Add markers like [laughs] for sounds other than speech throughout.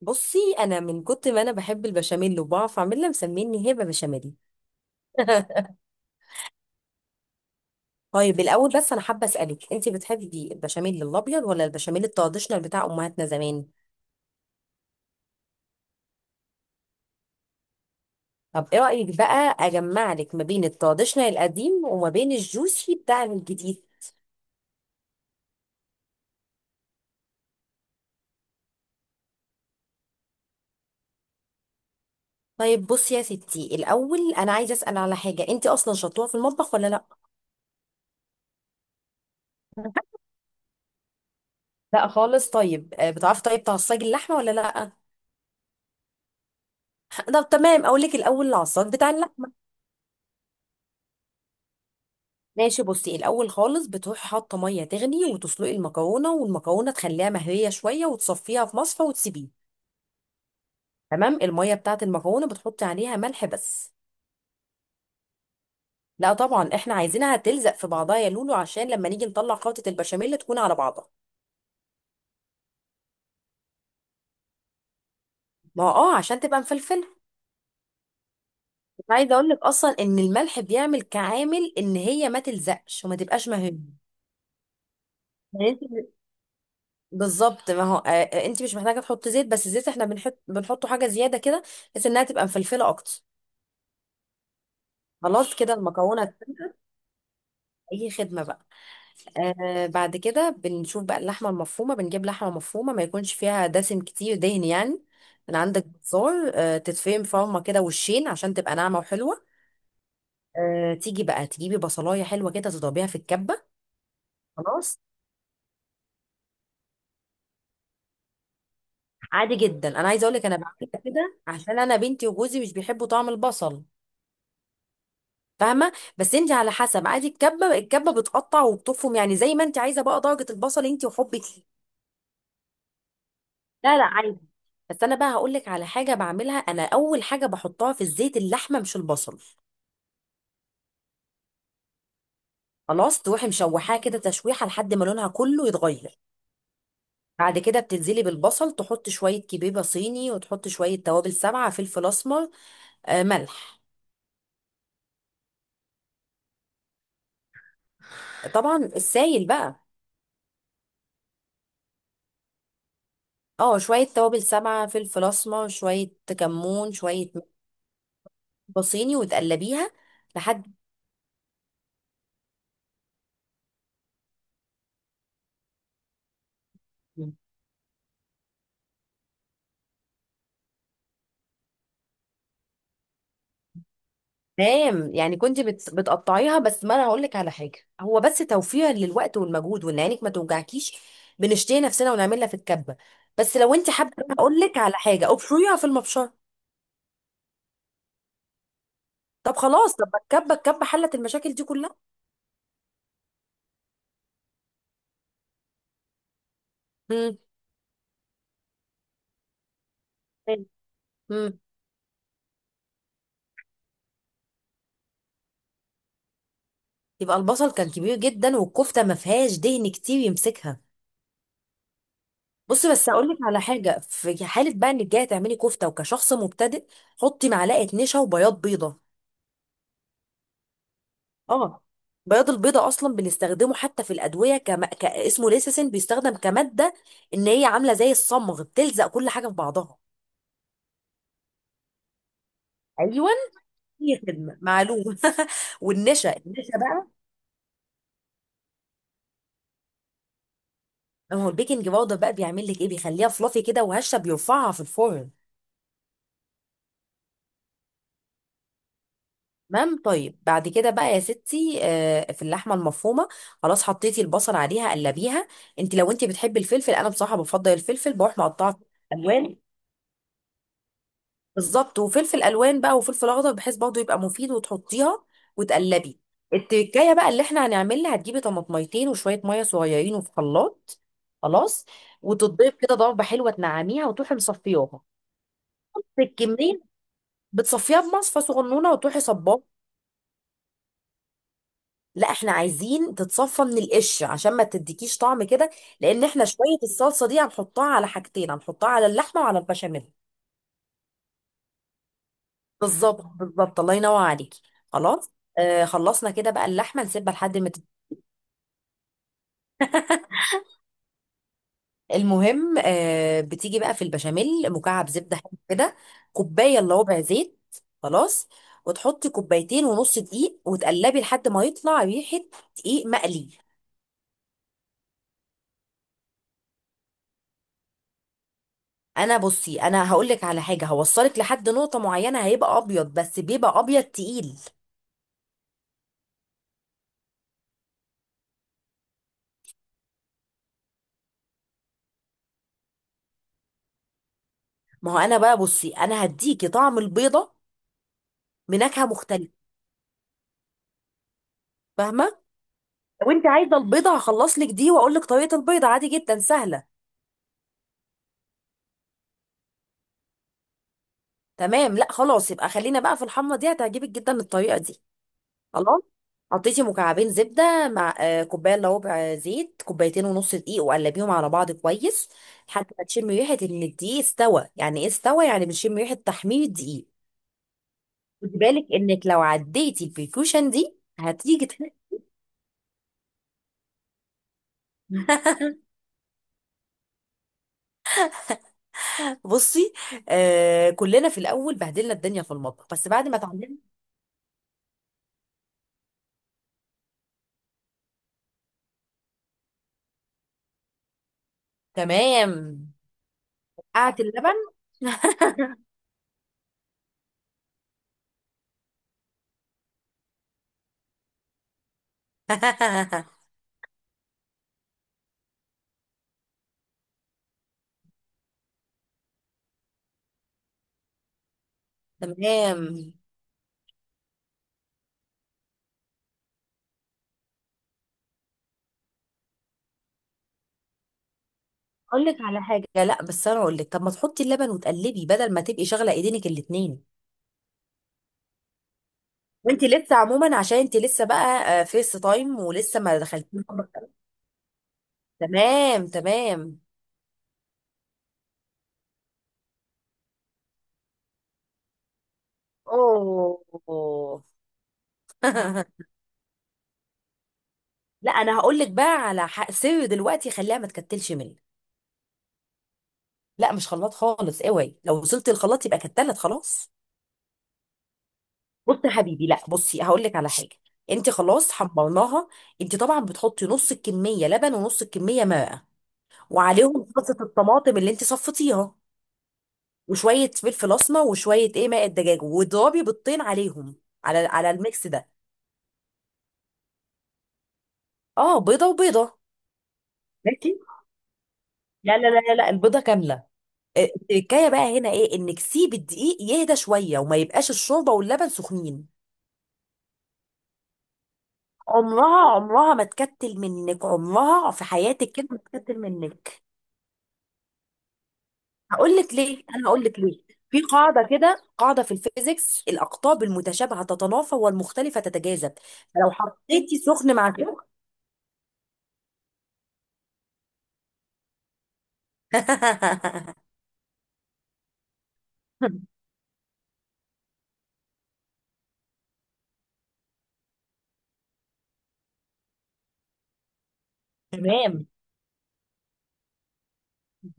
بصي انا من كنت ما انا بحب البشاميل وبعرف اعملها مسميني هبه بشاميل. [laughs] طيب الاول بس انا حابه اسالك، انت بتحبي البشاميل الابيض ولا البشاميل التراديشنال بتاع امهاتنا زمان؟ طب ايه رايك بقى اجمع لك ما بين التراديشنال القديم وما بين الجوسي بتاع الجديد؟ طيب بصي يا ستي، الاول انا عايزه اسال على حاجه، انت اصلا شطوره في المطبخ ولا لا؟ [laughs] لا خالص. طيب، بتعرفي طيب تعصجي اللحمه ولا لا؟ [laughs] طب تمام، اقول لك الاول العصاج بتاع اللحمه. ماشي، بصي الاول خالص بتروحي حاطه ميه تغلي وتسلقي المكرونه، والمكرونه تخليها مهريه شويه وتصفيها في مصفى وتسيبيه. تمام، الميه بتاعه المكرونه بتحطي عليها ملح بس. لا طبعا، احنا عايزينها تلزق في بعضها يا لولو، عشان لما نيجي نطلع خلطه البشاميل تكون على بعضها. ما هو عشان تبقى مفلفله. كنت عايزه اقول لك اصلا ان الملح بيعمل كعامل ان هي ما تلزقش وما تبقاش مهريه. يعني انت بالظبط، ما هو انت مش محتاجه تحطي زيت، بس الزيت احنا بنحطه حاجه زياده كده، بحيث انها تبقى مفلفله اكتر. خلاص كده المكرونه. اي خدمه بقى. بعد كده بنشوف بقى اللحمه المفرومه، بنجيب لحمه مفرومه ما يكونش فيها دسم كتير، دهن يعني. من عندك بزار، تتفرم فرمه كده وشين عشان تبقى ناعمه وحلوه. تيجي بقى تجيبي بصلايه حلوه كده تضربيها في الكبه. خلاص. عادي جدا، انا عايزه اقول لك انا بعملها كده عشان انا بنتي وجوزي مش بيحبوا طعم البصل، فاهمه. بس انت على حسب، عادي الكبه بتقطع وبتفرم، يعني زي ما انت عايزه، بقى درجه البصل انت وحبك ليه. لا لا، عادي. بس انا بقى هقول لك على حاجه بعملها، انا اول حاجه بحطها في الزيت اللحمه مش البصل. خلاص تروحي مشوحاها كده تشويحه لحد ما لونها كله يتغير. بعد كده بتنزلي بالبصل، تحط شويه كبيبه صيني وتحط شويه توابل سبعه فلفل اسمر. آه، ملح. طبعا السايل بقى. اه، شويه توابل سبعه فلفل اسمر، شويه كمون، شويه ملح صيني وتقلبيها لحد. تمام، يعني كنت بتقطعيها بس، ما انا هقول لك على حاجه هو بس توفير للوقت والمجهود وان عينك ما توجعكيش. بنشتري نفسنا ونعملها في الكبه. بس لو انت حابه هقول لك على حاجه، ابشريها في المبشره. طب خلاص. طب ما الكبه حلت المشاكل دي كلها. امم، امم. يبقى البصل كان كبير جدا والكفته ما فيهاش دهن كتير يمسكها. بصي، بس هقول لك على حاجه، في حاله بقى انك جايه تعملي كفته وكشخص مبتدئ حطي معلقه نشا وبياض بيضه. اه بياض البيضة اصلا بنستخدمه حتى في الادويه، اسمه ليسيسين، بيستخدم كماده ان هي عامله زي الصمغ بتلزق كل حاجه في بعضها. ايوه. هي خدمه معلومه. [laughs] والنشا، النشا بقى هو البيكنج باودر بقى بيعمل لك ايه، بيخليها فلافي كده وهشه بيرفعها في الفرن. تمام طيب، بعد كده بقى يا ستي في اللحمه المفرومه خلاص، حطيتي البصل عليها قلبيها. انت لو انت بتحبي الفلفل، انا بصراحه بفضل الفلفل بروح مقطعه. الوان. بالظبط، وفلفل الوان بقى وفلفل اخضر، بحيث برضه يبقى مفيد، وتحطيها وتقلبي. التكايه بقى اللي احنا هنعملها، هتجيبي طماطميتين وشويه ميه صغيرين، وفي خلاط خلاص وتضرب كده ضربه حلوه تنعميها وتروحي مصفياها. الكميه بتصفيها بمصفى صغنونه وتروحي صباه. لا احنا عايزين تتصفى من القش عشان ما تديكيش طعم كده، لان احنا شويه الصلصه دي هنحطها على حاجتين، هنحطها على اللحمه وعلى البشاميل. بالظبط بالظبط، الله ينور عليكي. خلاص. خلصنا كده بقى، اللحمه نسيبها لحد ما. المهم، بتيجي بقى في البشاميل مكعب زبده حلو كده، كوبايه الا ربع زيت خلاص، وتحطي كوبايتين ونص دقيق وتقلبي لحد ما يطلع ريحه دقيق مقلي. بصي انا هقول لك على حاجه، هوصلك لحد نقطه معينه هيبقى ابيض، بس بيبقى ابيض تقيل. ما هو انا بقى، بصي انا هديكي طعم البيضه بنكهه مختلفه، فاهمه. لو انت عايزه البيضه هخلص لك دي واقول لك طريقه البيضه، عادي جدا سهله. تمام. لا خلاص، يبقى خلينا بقى في الحمرا دي، هتعجبك جدا الطريقه دي. خلاص. حطيتي مكعبين زبده مع كوبايه الا ربع زيت، كوبايتين ونص دقيق وقلبيهم على بعض كويس، لحد ما تشمي ريحه ان الدقيق استوى، يعني ايه استوى؟ يعني بنشم ريحه تحمير الدقيق. خدي بالك انك لو عديتي البريكوشن دي هتيجي. [laughs] بصي كلنا في الاول بهدلنا الدنيا في المطبخ، بس بعد ما اتعلمنا. تمام، قعة اللبن. [laughs] تمام. اقول لك على حاجه، لا بس انا اقول لك طب ما تحطي اللبن وتقلبي بدل ما تبقي شغله ايدينك الاتنين. وانت لسه عموما، عشان انت لسه بقى فيس تايم ولسه ما دخلتيش. تمام، تمام. اوه. [laughs] لا انا هقول لك بقى على حق، سر دلوقتي خليها ما تكتلش منك. لا مش خلاط خالص، اوعي لو وصلت الخلاط يبقى كتلت خلاص. بص يا حبيبي، لا بصي هقول لك على حاجه، انت خلاص حمرناها. انت طبعا بتحطي نص الكميه لبن ونص الكميه ماء، وعليهم صلصه الطماطم اللي انت صفتيها، وشويه فلفل اسمر وشويه ايه ماء الدجاج، واضربي بيضتين عليهم، على الميكس ده. اه، بيضه وبيضه. ماشي. لا لا لا لا لا، البيضه كامله. اه، التركايه بقى هنا ايه انك سيبي الدقيق يهدى شويه وما يبقاش الشوربه واللبن سخنين. عمرها عمرها ما تكتل منك، عمرها في حياتك كده ما تكتل منك. هقول لك ليه، انا هقول لك ليه. في قاعده، كده قاعده في الفيزيكس، الاقطاب المتشابهه تتنافى والمختلفه تتجاذب. فلو حطيتي سخن مع سخن. [laughs] تمام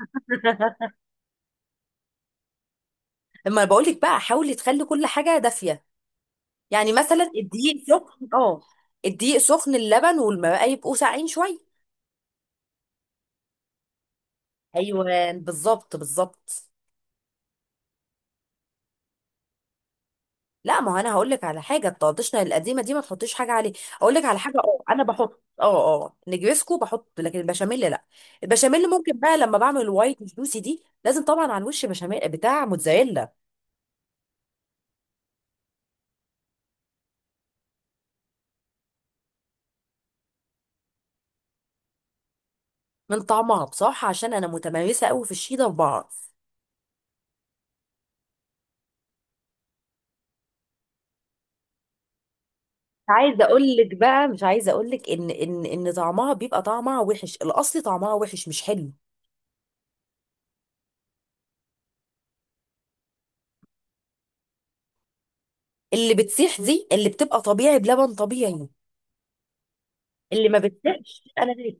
[laughs] اما بقول لك بقى، حاولي تخلي كل حاجه دافيه. يعني مثلا الدقيق سخن، اه. الدقيق سخن، اللبن والماء يبقوا ساقعين شويه. ايوه، بالظبط بالظبط. لا ما هو انا هقول لك على حاجه، الطادشنا القديمه دي ما تحطيش حاجه عليه. اقول لك على حاجه، انا بحط، نجرسكو بحط، لكن البشاميل لا. البشاميل ممكن بقى لما بعمل الوايت جوسي دي، لازم طبعا على الوش بشاميل بتاع موتزاريلا. من طعمها بصراحه، عشان انا متمرسه قوي في الشيدر بعرف. مش عايزه اقول لك بقى، مش عايزه اقول لك ان طعمها بيبقى طعمها وحش، الاصلي طعمها وحش مش حلو. اللي بتسيح دي اللي بتبقى طبيعي بلبن طبيعي. اللي ما بتسيحش انا ليه.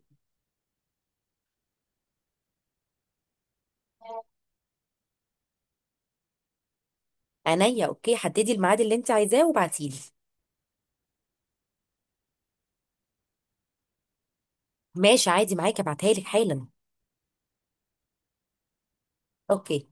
عينيا. اوكي حددي الميعاد اللي انت عايزاه وبعتيلي. ماشي عادي معاكي، ابعتها لك حالا. اوكي.